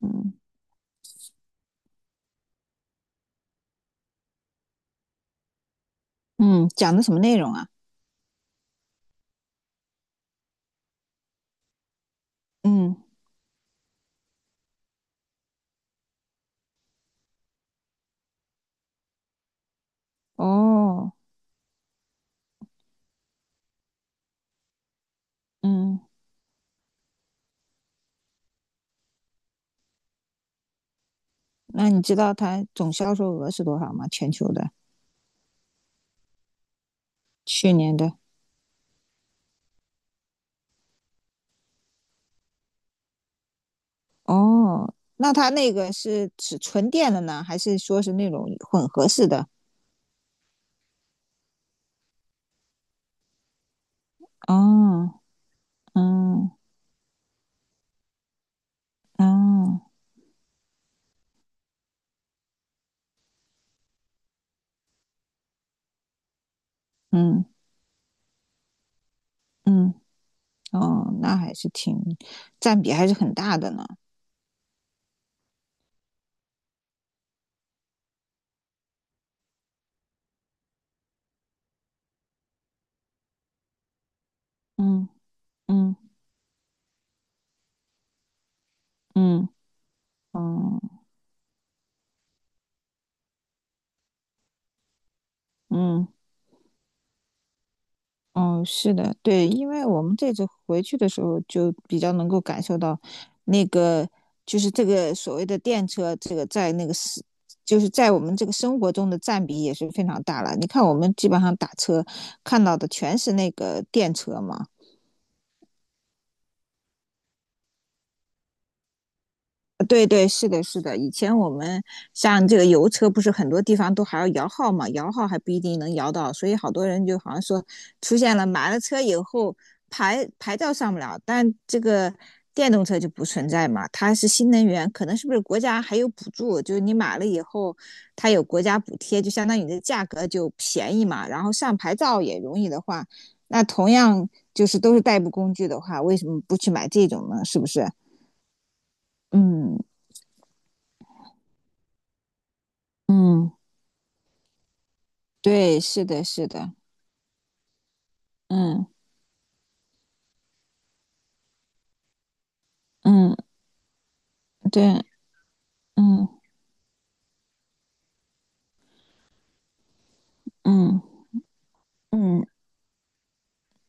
嗯嗯，讲的什么内容啊？嗯。哦。嗯。那你知道它总销售额是多少吗？全球的，去年的。哦，那它那个是指纯电的呢，还是说是那种混合式的？哦。嗯。哦。嗯嗯。哦，那还是占比还是很大的呢。嗯嗯嗯嗯嗯嗯，是的，对，因为我们这次回去的时候就比较能够感受到，那个就是这个所谓的电车，这个在那个是就是在我们这个生活中的占比也是非常大了。你看，我们基本上打车看到的全是那个电车嘛。对对，是的，是的。以前我们像这个油车，不是很多地方都还要摇号嘛，摇号还不一定能摇到，所以好多人就好像说出现了买了车以后牌照上不了，但这个电动车就不存在嘛，它是新能源，可能是不是国家还有补助，就是你买了以后它有国家补贴，就相当于你的价格就便宜嘛，然后上牌照也容易的话，那同样就是都是代步工具的话，为什么不去买这种呢？是不是？嗯嗯。对，是的，是的。嗯嗯，对。嗯嗯嗯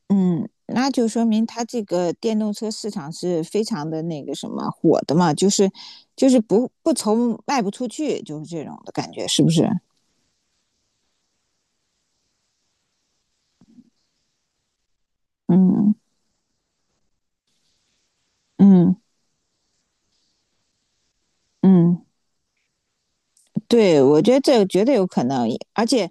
嗯，那就说明它这个电动车市场是非常的那个什么火的嘛，就是就是不愁卖不出去，就是这种的感觉，是不是？嗯嗯嗯。对，我觉得这个绝对有可能，而且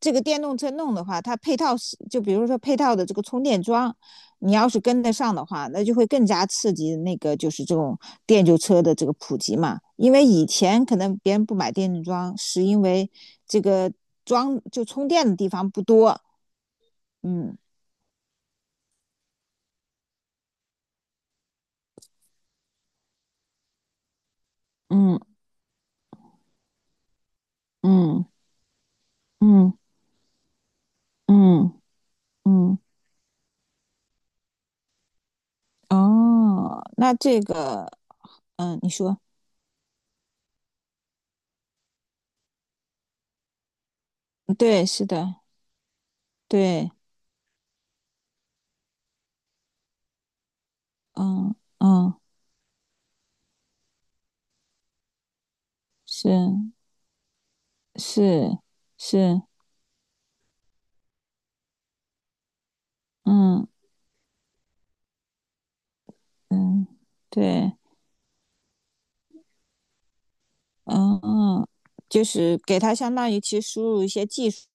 这个电动车弄的话，它配套是就比如说配套的这个充电桩，你要是跟得上的话，那就会更加刺激那个就是这种电车的这个普及嘛。因为以前可能别人不买电动桩，是因为这个充电的地方不多。嗯嗯嗯嗯嗯嗯。哦，那这个嗯，你说对，是的。对。嗯嗯。是。是是。嗯嗯，对。嗯。嗯。就是给他相当于其实输入一些技术，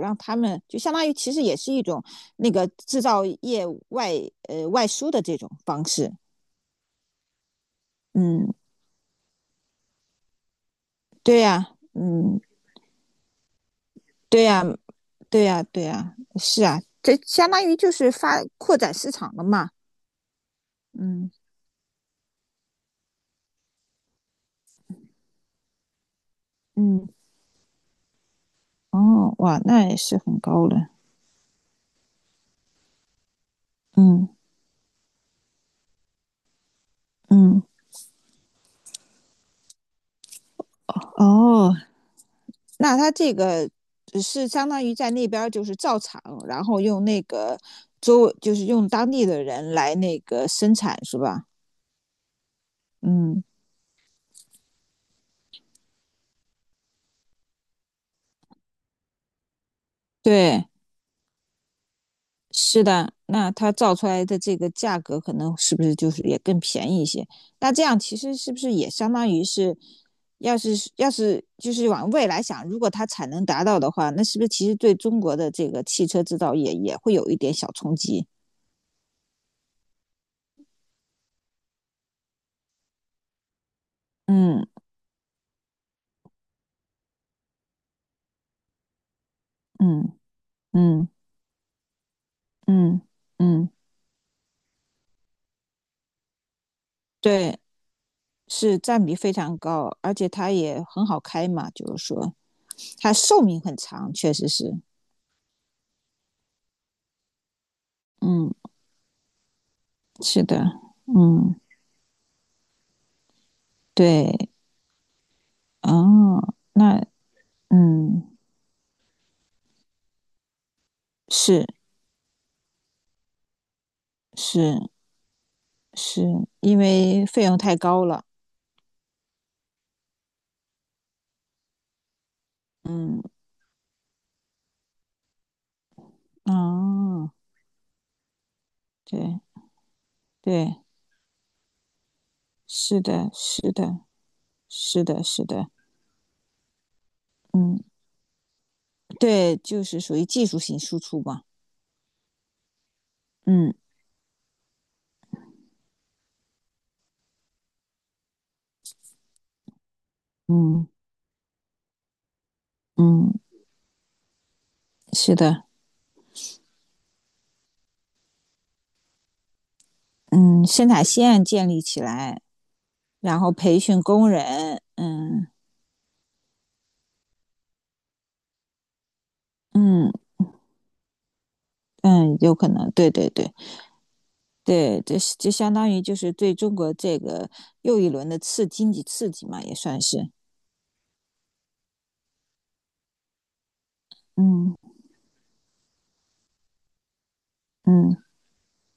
让他们就相当于其实也是一种那个制造业外输的这种方式。嗯。对呀，嗯，对呀，对呀，对呀，是啊，这相当于就是扩展市场了嘛。嗯嗯。哦，哇，那也是很高了。嗯嗯。哦。那它这个是相当于在那边就是造厂，然后用那个就是用当地的人来那个生产是吧？嗯，对，是的。那它造出来的这个价格可能是不是就是也更便宜一些？那这样其实是不是也相当于是，要是就是往未来想，如果它产能达到的话，那是不是其实对中国的这个汽车制造业也会有一点小冲击？嗯嗯嗯嗯嗯，对。是占比非常高，而且它也很好开嘛，就是说它寿命很长，确实是。嗯，是的。嗯，对。哦，那嗯，是是是，因为费用太高了。嗯。哦，对对，是的，是的，是的，是的。嗯，对，就是属于技术性输出嘛。嗯嗯嗯，是的。嗯，生产线建立起来。然后培训工人，嗯嗯嗯，有可能，对对对对。这相当于就是对中国这个又一轮的经济刺激嘛，也算是。嗯嗯，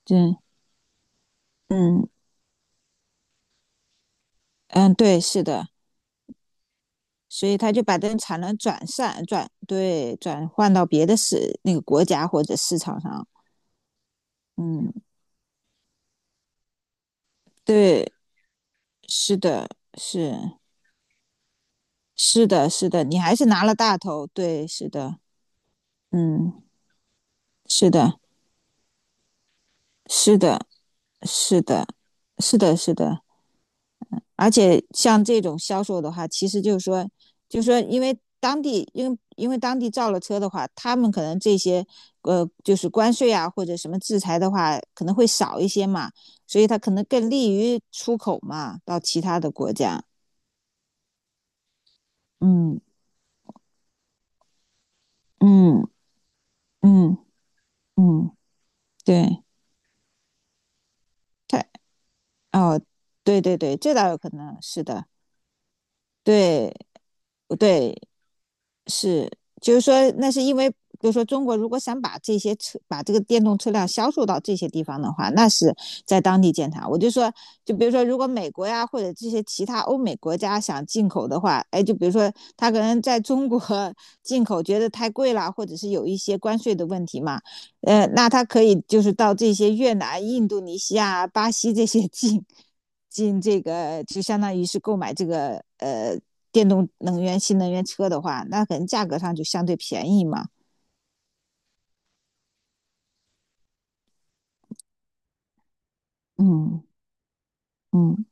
对。嗯嗯，对，是的，所以他就把这个产能转散转对转换到别的那个国家或者市场上。嗯，对，是的。是是的，是的，你还是拿了大头，对，是的。嗯，是的，是的。是的，是的，是的，而且像这种销售的话，其实就是说，就是说，因为当地，因为当地造了车的话，他们可能这些就是关税啊或者什么制裁的话，可能会少一些嘛，所以它可能更利于出口嘛，到其他的国家。嗯嗯嗯嗯，对。它哦，对对对，这倒有可能，是的。对对，是，就是说，那是因为，比如说，中国如果想把这些车，把这个电动车辆销售到这些地方的话，那是在当地建厂。我就说，就比如说，如果美国呀或者这些其他欧美国家想进口的话，哎，就比如说他可能在中国 进口觉得太贵了，或者是有一些关税的问题嘛，那他可以就是到这些越南、印度尼西亚、巴西这些 进这个，就相当于是购买这个电动能源、新能源车的话，那可能价格上就相对便宜嘛。嗯嗯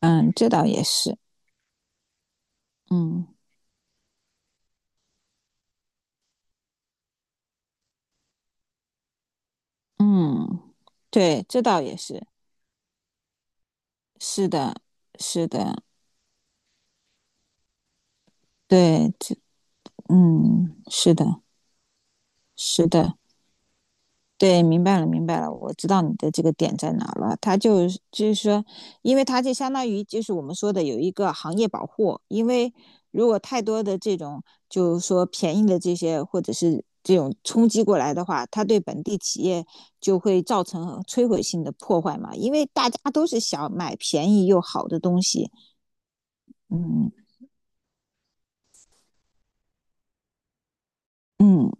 嗯，这倒也是。嗯嗯，对，这倒也是。是的，是的，对，这嗯，是的，是的。对，明白了，明白了，我知道你的这个点在哪了。它就是说，因为它就相当于就是我们说的有一个行业保护，因为如果太多的这种就是说便宜的这些或者是这种冲击过来的话，它对本地企业就会造成摧毁性的破坏嘛。因为大家都是想买便宜又好的东西，嗯嗯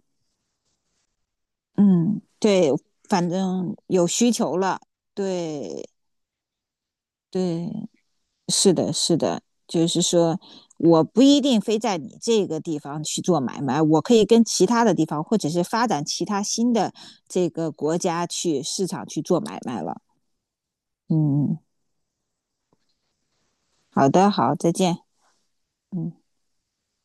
嗯，对，反正有需求了，对对。是的，是的，就是说，我不一定非在你这个地方去做买卖，我可以跟其他的地方，或者是发展其他新的这个国家去市场去做买卖了。嗯，好的，好，再见。嗯。